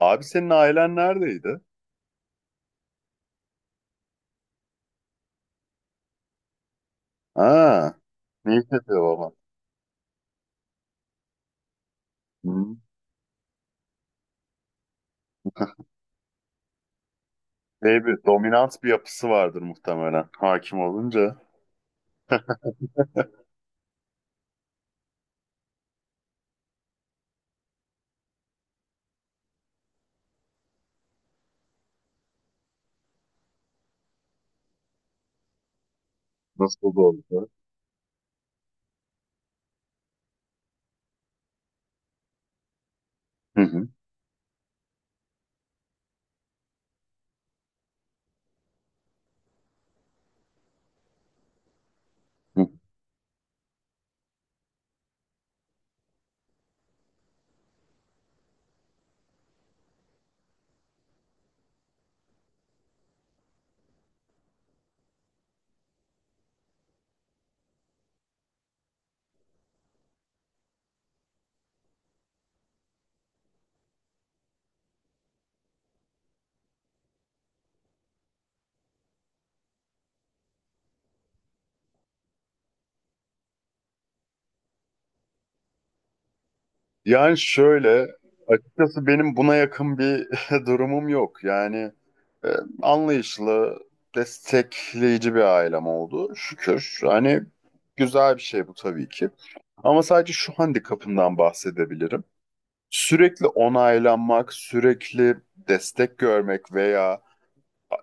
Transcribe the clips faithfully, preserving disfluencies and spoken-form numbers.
Abi senin ailen neredeydi? Ha, ne iş yapıyor baba? Hı. Şey bir, dominant bir yapısı vardır muhtemelen hakim olunca. Nasıl da oldu? Hı hı. Hı. Yani şöyle, açıkçası benim buna yakın bir durumum yok. Yani e, anlayışlı, destekleyici bir ailem oldu şükür. Hani güzel bir şey bu tabii ki. Ama sadece şu handikapından bahsedebilirim. Sürekli onaylanmak, sürekli destek görmek veya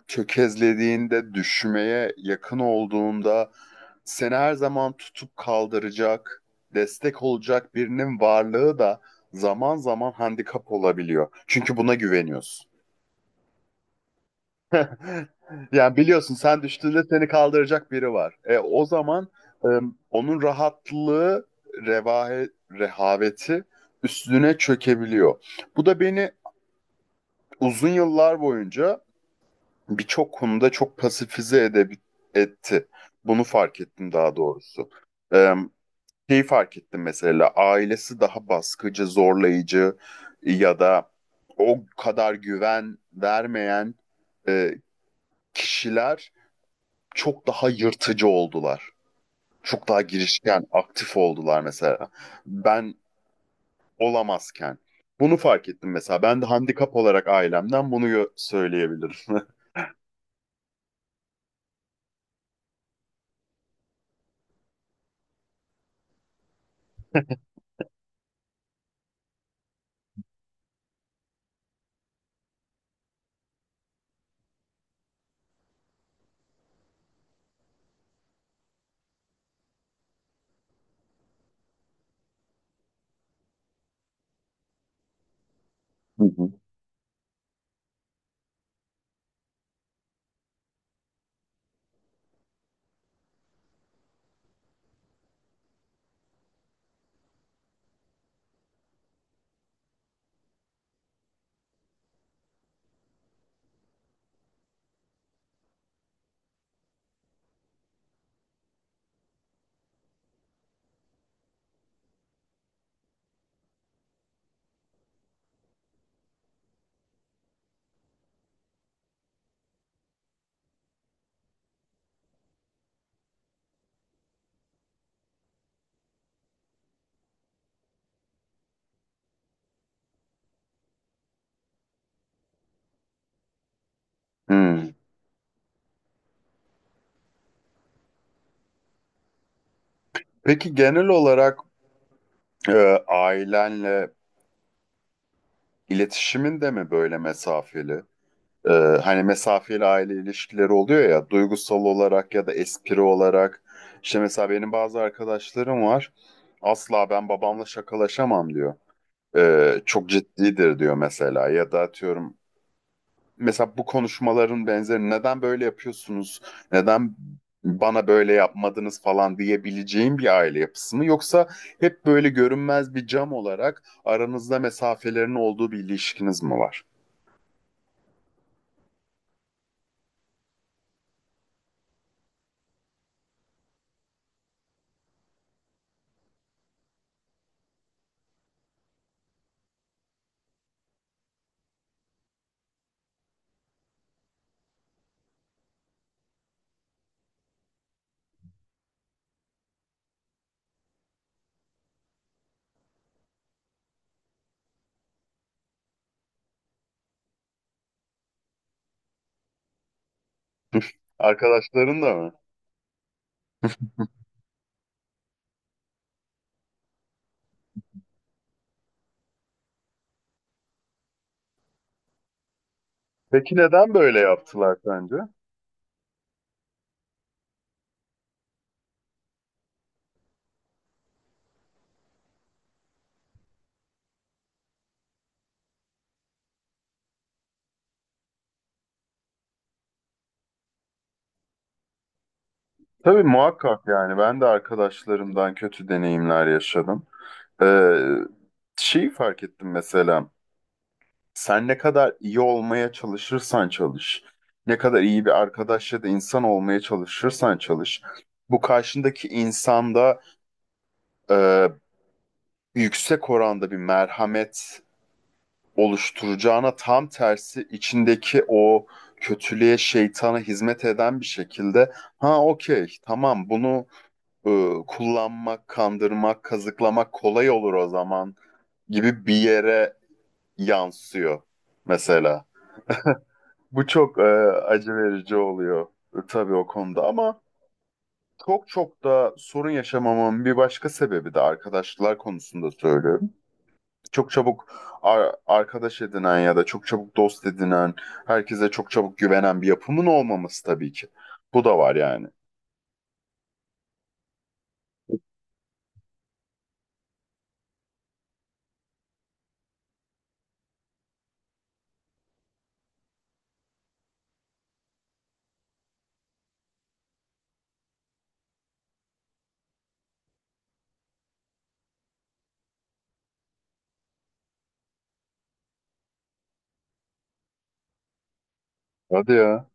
çökezlediğinde, düşmeye yakın olduğunda seni her zaman tutup kaldıracak, destek olacak birinin varlığı da zaman zaman handikap olabiliyor. Çünkü buna güveniyorsun. Yani biliyorsun sen düştüğünde seni kaldıracak biri var. E, o zaman e, onun rahatlığı, revahe, rehaveti üstüne çökebiliyor. Bu da beni uzun yıllar boyunca birçok konuda çok pasifize edebi etti. Bunu fark ettim daha doğrusu. Ee, Şeyi fark ettim mesela ailesi daha baskıcı, zorlayıcı ya da o kadar güven vermeyen e, kişiler çok daha yırtıcı oldular. Çok daha girişken, aktif oldular mesela. Ben olamazken. Bunu fark ettim mesela. Ben de handikap olarak ailemden bunu gö- söyleyebilirim. Hı hı. Hmm. Peki genel olarak e, ailenle iletişimin de mi böyle mesafeli? E, hani mesafeli aile ilişkileri oluyor ya duygusal olarak ya da espri olarak. İşte mesela benim bazı arkadaşlarım var. Asla ben babamla şakalaşamam diyor. E, çok ciddidir diyor mesela ya da atıyorum mesela bu konuşmaların benzeri neden böyle yapıyorsunuz? Neden bana böyle yapmadınız falan diyebileceğim bir aile yapısı mı? Yoksa hep böyle görünmez bir cam olarak aranızda mesafelerin olduğu bir ilişkiniz mi var? Arkadaşların da mı? Peki neden böyle yaptılar sence? Tabii muhakkak yani ben de arkadaşlarımdan kötü deneyimler yaşadım. Ee, Şeyi fark ettim mesela. Sen ne kadar iyi olmaya çalışırsan çalış, ne kadar iyi bir arkadaş ya da insan olmaya çalışırsan çalış, bu karşındaki insanda e, yüksek oranda bir merhamet oluşturacağına tam tersi içindeki o kötülüğe, şeytana hizmet eden bir şekilde ha okey tamam bunu e, kullanmak, kandırmak, kazıklamak kolay olur o zaman gibi bir yere yansıyor mesela. Bu çok e, acı verici oluyor, e, tabii o konuda ama çok çok da sorun yaşamamamın bir başka sebebi de arkadaşlar konusunda söylüyorum. Çok çabuk ar- arkadaş edinen ya da çok çabuk dost edinen, herkese çok çabuk güvenen bir yapımın olmaması tabii ki. Bu da var yani. Hadi ya.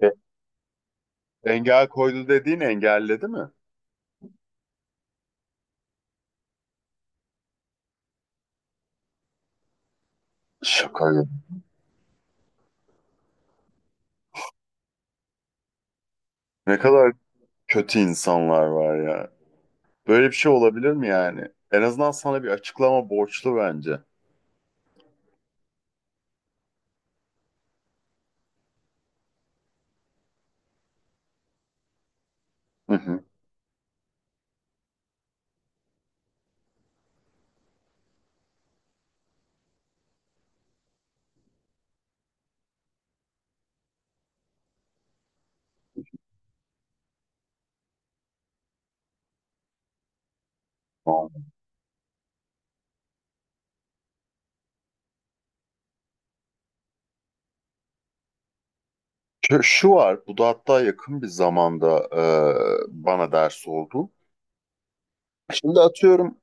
E, engel koydu dediğin engelledi mi? Şaka gibi. Ne kadar kötü insanlar var ya. Böyle bir şey olabilir mi yani? En azından sana bir açıklama borçlu bence. Hı hı. Şu, şu var, bu da hatta yakın bir zamanda e, bana ders oldu. Şimdi atıyorum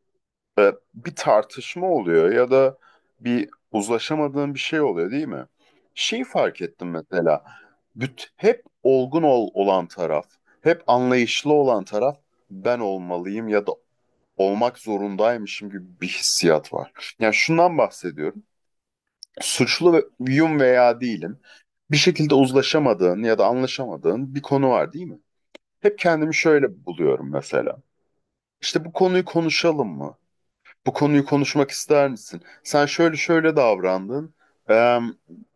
e, bir tartışma oluyor ya da bir uzlaşamadığın bir şey oluyor değil mi? Şey fark ettim mesela, büt, hep olgun ol, olan taraf, hep anlayışlı olan taraf ben olmalıyım ya da olmak zorundaymışım gibi bir hissiyat var. Yani şundan bahsediyorum suçlu ve- yum veya değilim. Bir şekilde uzlaşamadığın ya da anlaşamadığın bir konu var değil mi? Hep kendimi şöyle buluyorum mesela. İşte bu konuyu konuşalım mı? Bu konuyu konuşmak ister misin? Sen şöyle şöyle davrandın. Eee,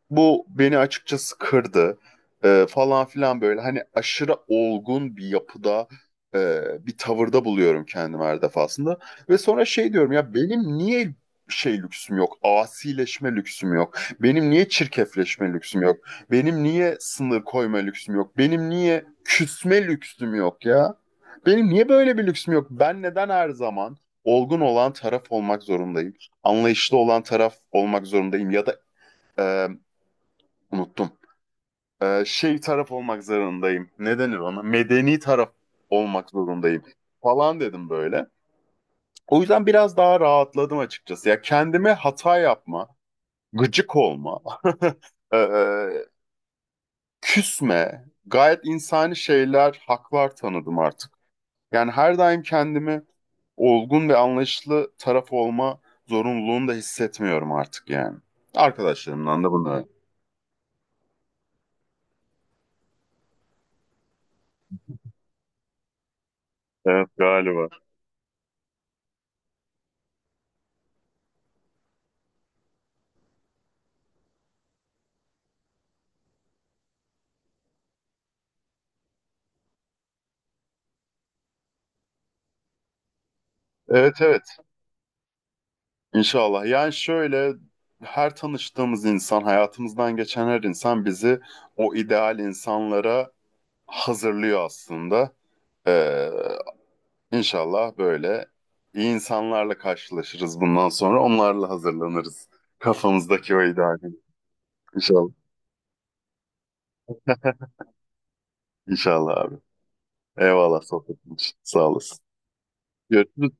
Bu beni açıkçası kırdı. Eee, falan filan böyle. Hani aşırı olgun bir yapıda, eee, bir tavırda buluyorum kendimi her defasında. Ve sonra şey diyorum ya benim niye şey lüksüm yok? Asileşme lüksüm yok. Benim niye çirkefleşme lüksüm yok? Benim niye sınır koyma lüksüm yok? Benim niye küsme lüksüm yok ya? Benim niye böyle bir lüksüm yok? Ben neden her zaman olgun olan taraf olmak zorundayım. Anlayışlı olan taraf olmak zorundayım ya da e, unuttum. E, Şey taraf olmak zorundayım. Ne denir ona? Medeni taraf olmak zorundayım falan dedim böyle. O yüzden biraz daha rahatladım açıkçası. Ya kendime hata yapma, gıcık olma, e, küsme, gayet insani şeyler, haklar tanıdım artık. Yani her daim kendimi olgun ve anlayışlı taraf olma zorunluluğunu da hissetmiyorum artık yani. Arkadaşlarımdan da bunu. Evet galiba. Evet evet inşallah. Yani şöyle her tanıştığımız insan, hayatımızdan geçen her insan bizi o ideal insanlara hazırlıyor aslında. Ee, inşallah böyle iyi insanlarla karşılaşırız bundan sonra. Onlarla hazırlanırız. Kafamızdaki o ideali. İnşallah. İnşallah abi. Eyvallah sohbetin için. Sağ olasın. Görüşürüz.